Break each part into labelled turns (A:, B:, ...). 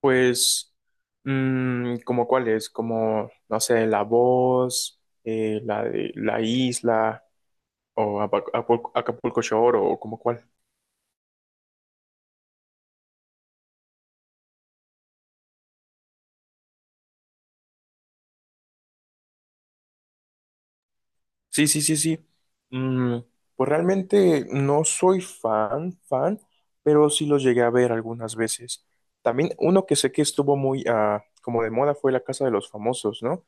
A: Pues, ¿como cuáles? Como, no sé, La Voz, la de La Isla, o Acapulco Shore, o como cuál. Sí, sí, sí, sí. Mm, pues realmente no soy fan, fan, pero sí los llegué a ver algunas veces. También uno que sé que estuvo muy, como de moda fue La Casa de los Famosos, ¿no?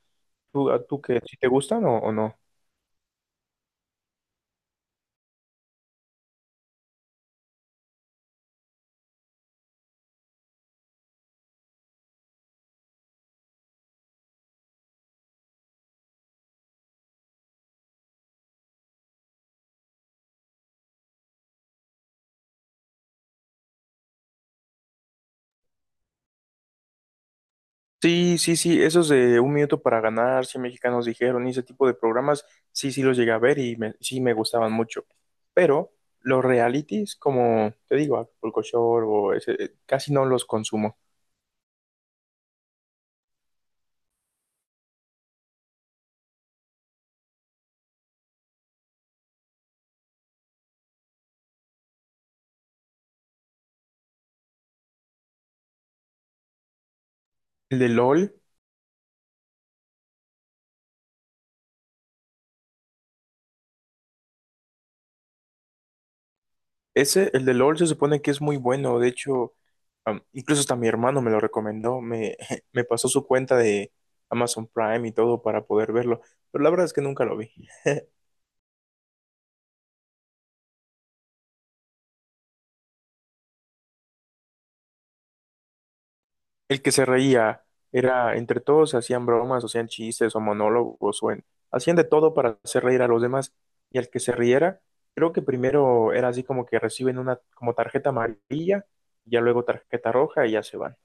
A: ¿Tú qué? ¿Si te gustan o no? Sí, sí, sí, esos de Un Minuto para Ganar, 100 mexicanos dijeron, y ese tipo de programas, sí, sí los llegué a ver y me- sí me gustaban mucho. Pero los realities, como te digo, Acapulco Shore o ese, casi no los consumo. El de LOL, ese, el de LOL se supone que es muy bueno, de hecho, incluso hasta mi hermano me lo recomendó, me, me pasó su cuenta de Amazon Prime y todo para poder verlo, pero la verdad es que nunca lo vi. El que se reía era, entre todos hacían bromas, o hacían chistes o monólogos, hacían de todo para hacer reír a los demás. Y el que se riera, creo que primero era así como que reciben una como tarjeta amarilla, ya luego tarjeta roja y ya se van.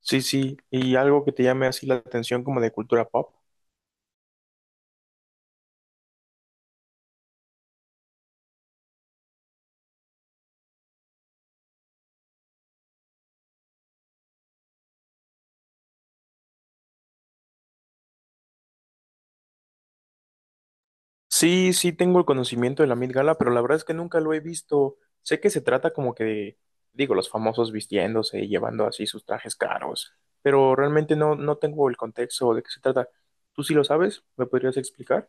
A: Sí, sí, y algo que te llame así la atención como de cultura pop. Sí, sí tengo el conocimiento de la Met Gala, pero la verdad es que nunca lo he visto. Sé que se trata como que de, digo, los famosos vistiéndose y llevando así sus trajes caros, pero realmente no, no tengo el contexto de qué se trata. ¿Tú sí lo sabes? ¿Me podrías explicar?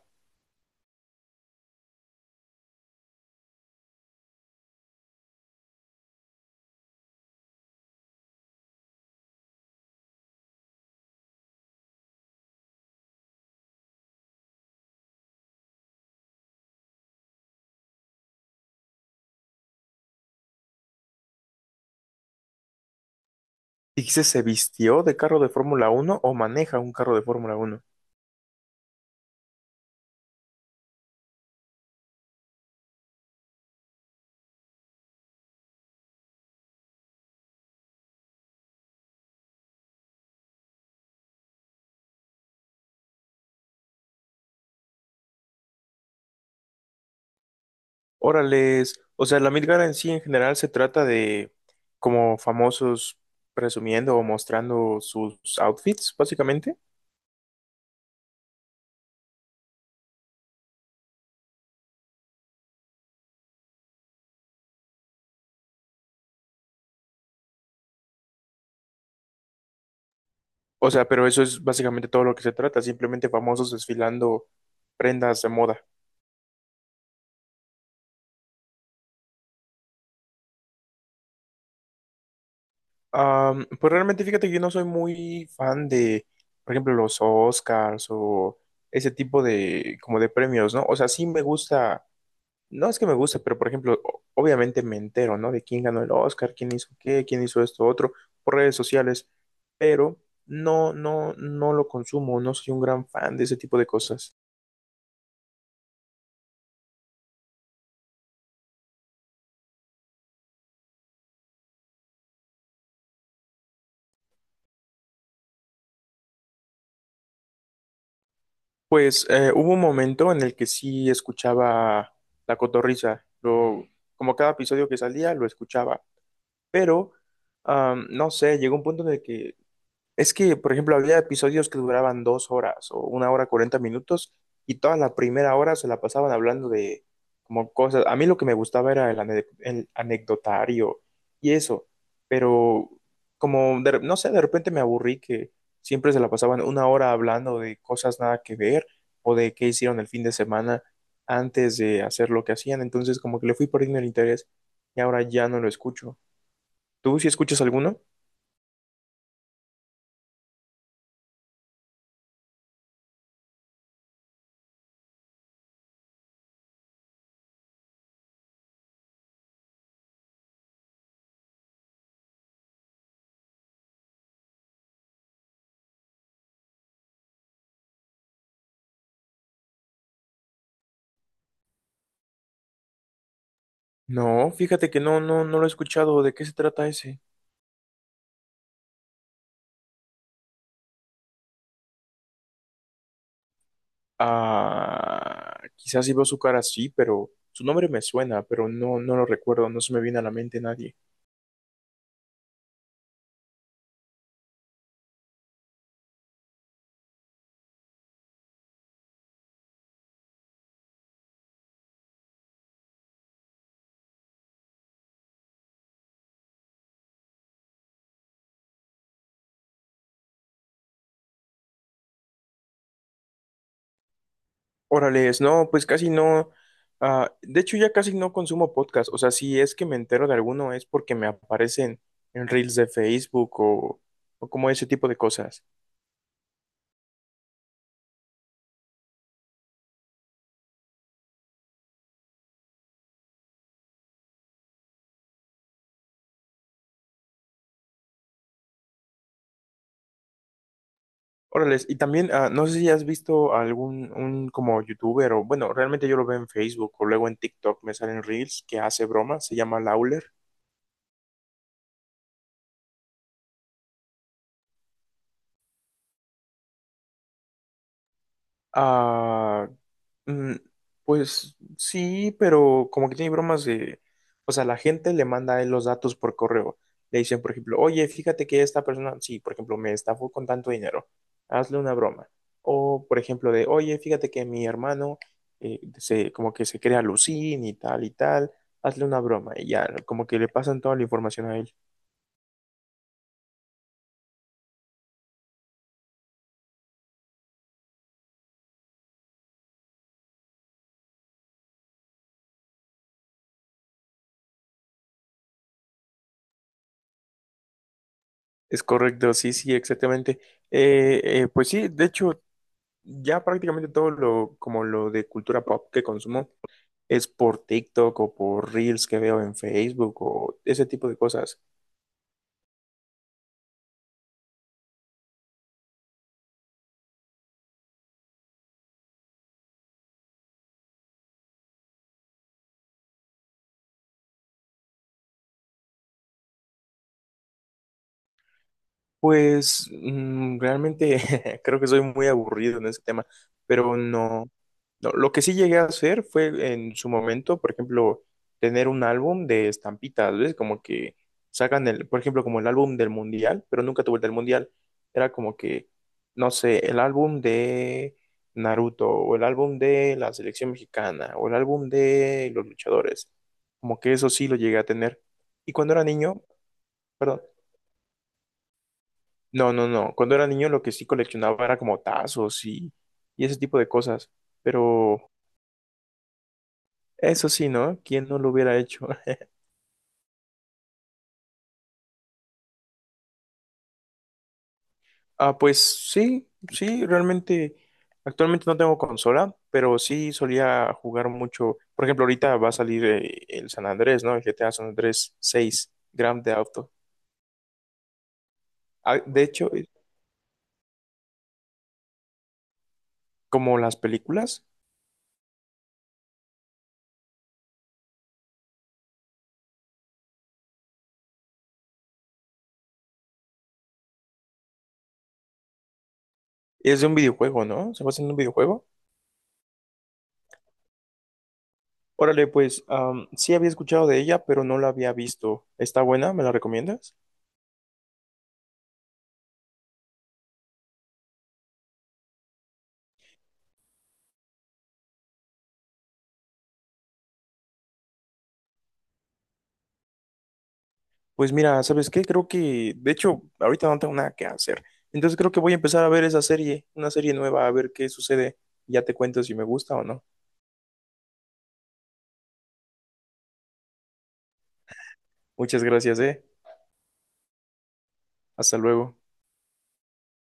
A: Dices, ¿se vistió de carro de Fórmula Uno o maneja un carro de Fórmula Uno? Órales, o sea, la Met Gala en sí en general se trata de como famosos presumiendo o mostrando sus outfits, básicamente. O sea, pero eso es básicamente todo lo que se trata, simplemente famosos desfilando prendas de moda. Pues realmente fíjate que yo no soy muy fan de, por ejemplo, los Oscars o ese tipo de, como de premios, ¿no? O sea, sí me gusta, no es que me guste, pero por ejemplo, obviamente me entero, ¿no? De quién ganó el Oscar, quién hizo qué, quién hizo esto, otro, por redes sociales, pero no, no, no lo consumo, no soy un gran fan de ese tipo de cosas. Pues, hubo un momento en el que sí escuchaba La Cotorrisa, lo, como cada episodio que salía lo escuchaba, pero no sé, llegó un punto en el que es que, por ejemplo, había episodios que duraban 2 horas o una hora 40 minutos y toda la primera hora se la pasaban hablando de como cosas. A mí lo que me gustaba era el anecdotario y eso, pero como, no sé, de repente me aburrí que siempre se la pasaban una hora hablando de cosas nada que ver o de qué hicieron el fin de semana antes de hacer lo que hacían. Entonces, como que le fui perdiendo el interés y ahora ya no lo escucho. ¿Tú sí escuchas alguno? No, fíjate que no, no, no lo he escuchado. ¿De qué se trata ese? Ah, quizás si veo su cara sí, pero su nombre me suena, pero no, no lo recuerdo, no se me viene a la mente nadie. Órales, no, pues casi no. De hecho, ya casi no consumo podcast. O sea, si es que me entero de alguno es porque me aparecen en reels de Facebook o como ese tipo de cosas. Órales, y también, no sé si has visto algún un como youtuber o, bueno, realmente yo lo veo en Facebook o luego en TikTok, me salen reels que hace bromas, se llama Lawler. Ah. Mm. Pues sí, pero como que tiene bromas de, o sea, la gente le manda a él los datos por correo. Le dicen, por ejemplo, oye, fíjate que esta persona, sí, por ejemplo, me estafó con tanto dinero, hazle una broma. O, por ejemplo, de, oye, fíjate que mi hermano como que se crea Lucín y tal, hazle una broma. Y ya, como que le pasan toda la información a él. Es correcto, sí, sí, exactamente. Pues sí, de hecho, ya prácticamente todo lo, como lo de cultura pop que consumo, es por TikTok o por Reels que veo en Facebook o ese tipo de cosas. Pues realmente creo que soy muy aburrido en ese tema, pero no, no. Lo que sí llegué a hacer fue en su momento, por ejemplo, tener un álbum de estampitas, ¿ves? Como que sacan el, por ejemplo, como el álbum del mundial, pero nunca tuve el del mundial. Era como que, no sé, el álbum de Naruto, o el álbum de la selección mexicana, o el álbum de los luchadores. Como que eso sí lo llegué a tener. Y cuando era niño, perdón. No, no, no. Cuando era niño lo que sí coleccionaba era como tazos y ese tipo de cosas. Pero eso sí, ¿no? ¿Quién no lo hubiera hecho? Ah, pues sí, sí, realmente actualmente no tengo consola, pero sí solía jugar mucho. Por ejemplo, ahorita va a salir el San Andrés, ¿no? El GTA San Andrés 6 Grand Theft Auto. Ah, de hecho, como las películas, es de un videojuego, ¿no? Se basa en un videojuego. Órale, pues sí había escuchado de ella, pero no la había visto. ¿Está buena? ¿Me la recomiendas? Pues mira, ¿sabes qué? Creo que, de hecho, ahorita no tengo nada que hacer. Entonces creo que voy a empezar a ver esa serie, una serie nueva, a ver qué sucede. Ya te cuento si me gusta o no. Muchas gracias, eh. Hasta luego.